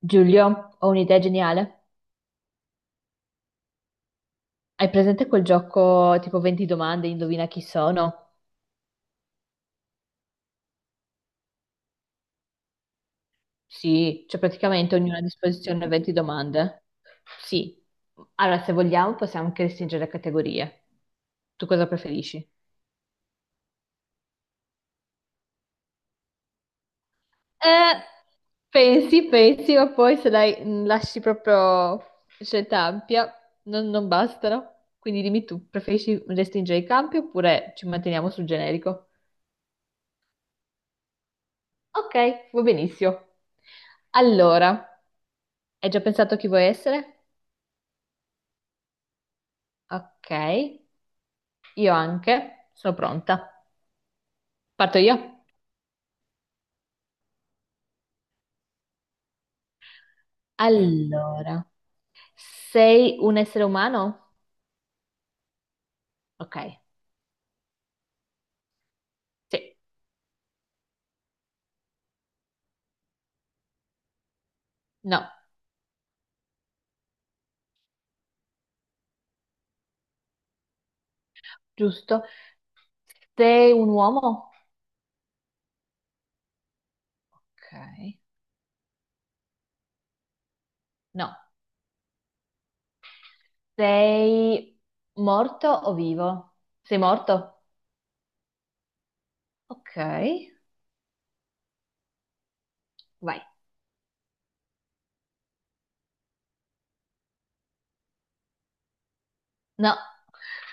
Giulio, ho un'idea geniale. Hai presente quel gioco tipo 20 domande, indovina chi sono? Sì, c'è praticamente ognuno a disposizione 20 domande. Sì. Allora, se vogliamo, possiamo anche restringere le categorie. Tu cosa preferisci? Eh, pensi, ma poi se dai, lasci proprio scelta ampia, non bastano. Quindi dimmi tu, preferisci restringere i campi oppure ci manteniamo sul generico? Ok, va benissimo. Allora, hai già pensato chi vuoi essere? Ok, io anche. Sono pronta. Parto io? Sì. Allora, sei un essere umano? Ok, sì. No, giusto. Sei un uomo? Ok. No. Sei morto o vivo? Sei morto? Ok, vai. No.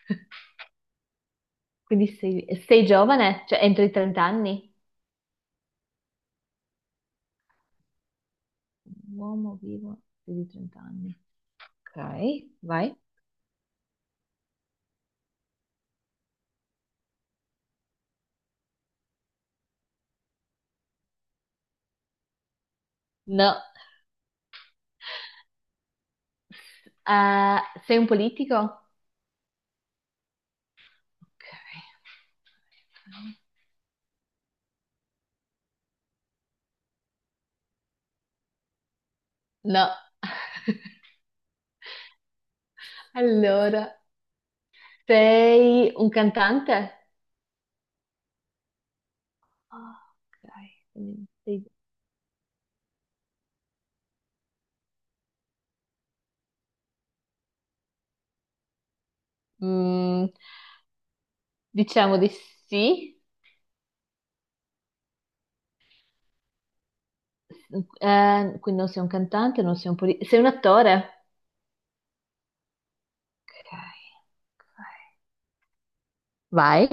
Quindi sei giovane? Cioè, entro i 30 anni? Un uomo vivo più di 30 anni. Ok, vai. No. Eh, Sei un politico? Ok. No. Allora, sei un cantante? Ah, ok, Mm, sei- mm, diciamo di sì. Quindi non sei un cantante, non sei un politico. Sei un attore? Ok, ok. Vai.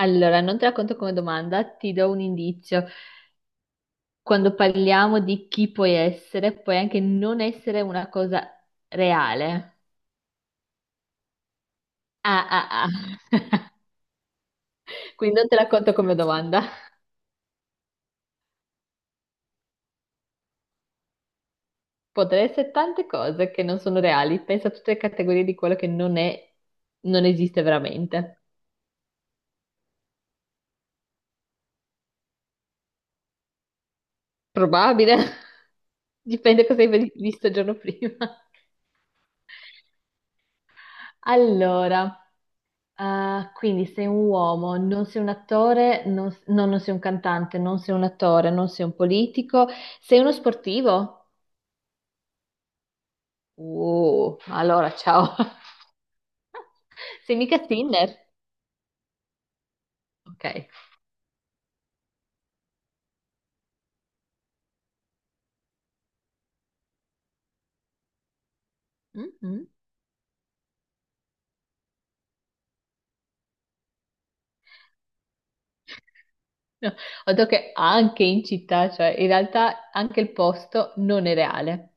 Allora, non te la conto come domanda, ti do un indizio. Quando parliamo di chi puoi essere, puoi anche non essere una cosa reale. Ah, ah, ah. Quindi non te la conto come domanda. Potrei essere tante cose che non sono reali. Pensa a tutte le categorie di quello che non è, non esiste veramente. Probabile. Dipende cosa hai visto il giorno prima. Allora, ah, quindi sei un uomo, non sei un attore, non sei un cantante, non sei un attore, non sei un politico, sei uno sportivo? Allora, ciao. Sei mica Tinder? Ok. Mm-mm. No, ho detto che anche in città, cioè in realtà anche il posto non è reale.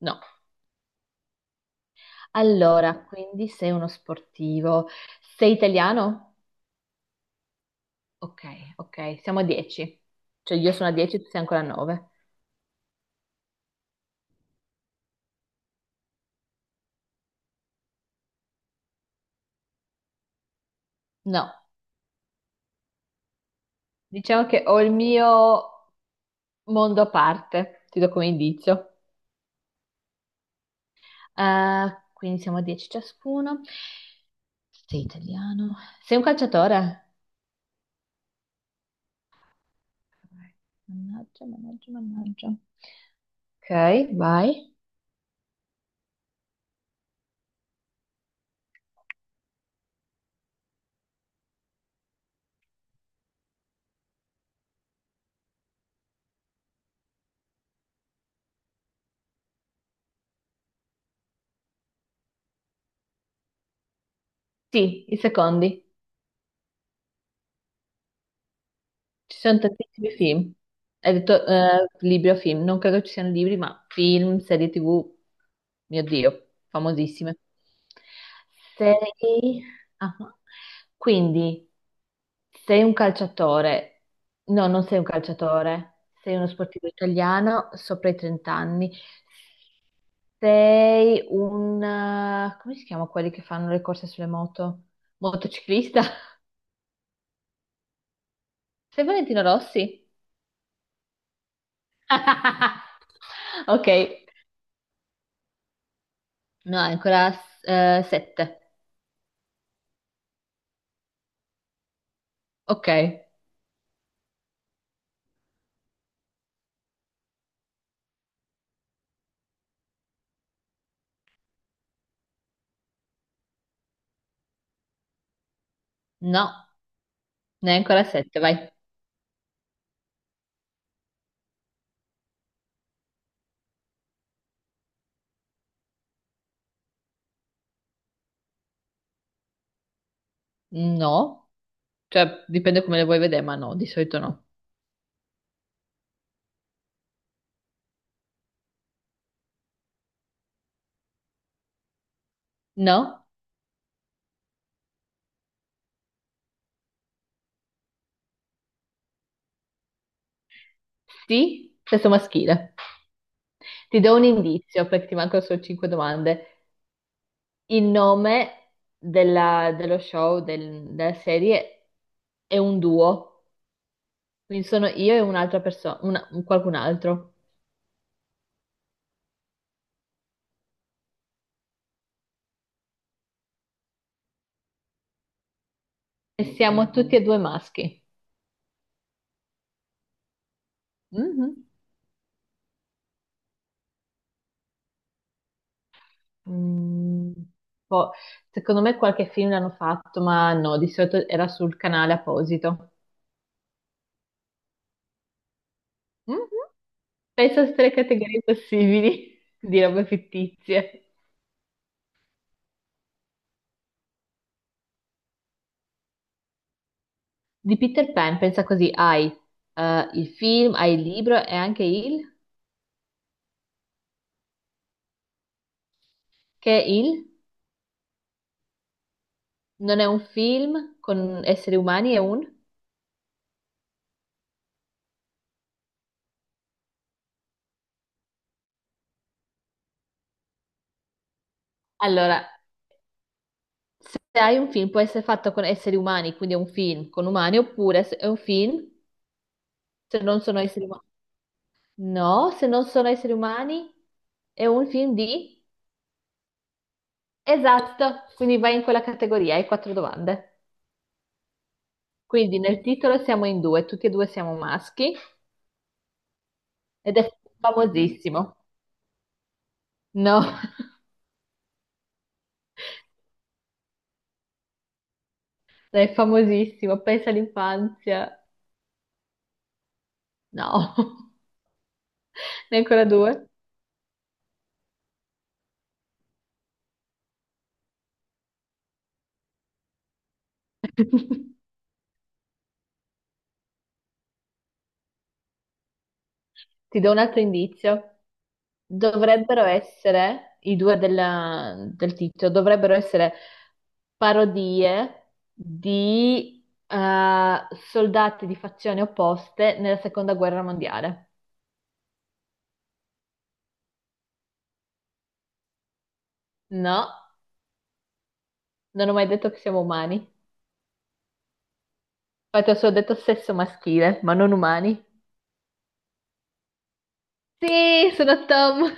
No. Allora, quindi sei uno sportivo. Sei italiano? Ok, ok, siamo a 10. Cioè io sono a 10, tu sei ancora a 9. No, diciamo che ho il mio mondo a parte, ti do come indizio. Quindi siamo a 10 ciascuno. Sei italiano? Sei un calciatore? Mannaggia, mannaggia, mannaggia. Ok, vai. Sì, i secondi. Ci sono tantissimi film. Hai detto libri o film, non credo ci siano libri, ma film, serie TV, mio Dio, famosissime. Sei... ah, quindi sei un calciatore, no, non sei un calciatore, sei uno sportivo italiano sopra i 30 anni, come si chiama quelli che fanno le corse sulle moto? Motociclista? Sei Valentino Rossi? Ok, no, è ancora 7. Ok, no, ne è ancora 7, vai. No, cioè dipende come le vuoi vedere, ma no, di solito no. No, sì, sesso maschile. Ti do un indizio perché ti mancano solo 5 domande. Il nome dello show, della serie, è un duo, quindi sono io e un'altra persona, qualcun altro. E siamo tutti e due maschi. Mhm. Mm, boh, secondo me qualche film l'hanno fatto, ma no, di solito era sul canale apposito. Mhm. Pensa a tutte le categorie possibili di robe fittizie. Di Peter Pan, pensa così, hai il film, hai il libro e anche il... Che il non è un film con esseri umani, è un... Allora, se hai un film può essere fatto con esseri umani, quindi è un film con umani, oppure se è un film se non sono esseri umani. No, se non sono esseri umani, è un film di... Esatto, quindi vai in quella categoria, hai quattro domande. Quindi nel titolo siamo in due, tutti e due siamo maschi ed è famosissimo. No, è famosissimo, pensa all'infanzia. No, ne hai ancora due. Ti do un altro indizio. Dovrebbero essere, i due del titolo, dovrebbero essere parodie di soldati di fazioni opposte nella seconda guerra mondiale. No, non ho mai detto che siamo umani. Infatti ho solo detto sesso maschile, ma non umani. Sì, sono Tom.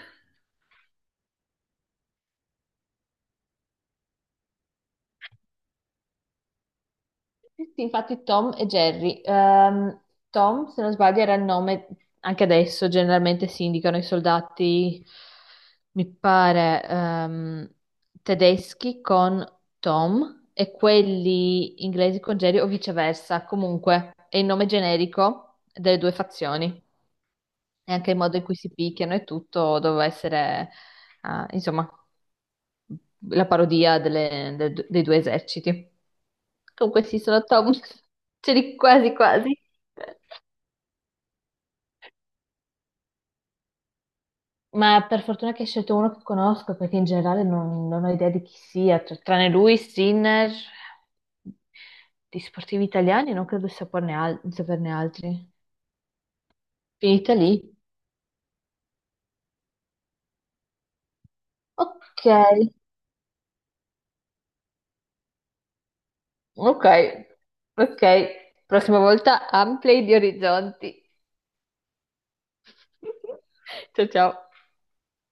Sì, sì, infatti Tom e Jerry. Tom, se non sbaglio, era il nome, anche adesso generalmente si indicano i soldati, mi pare, tedeschi con Tom e quelli inglesi con Jerry o viceversa. Comunque è il nome generico delle due fazioni e anche il modo in cui si picchiano e tutto doveva essere, insomma la parodia dei due eserciti. Comunque sì, sono Tom, ce li quasi quasi. Ma per fortuna che hai scelto uno che conosco, perché in generale non ho idea di chi sia, cioè, tranne lui, Sinner, di sportivi italiani non credo di saperne, di saperne altri. Finita lì? Ok, ok, ok. Prossima volta ampli gli orizzonti. Ciao ciao.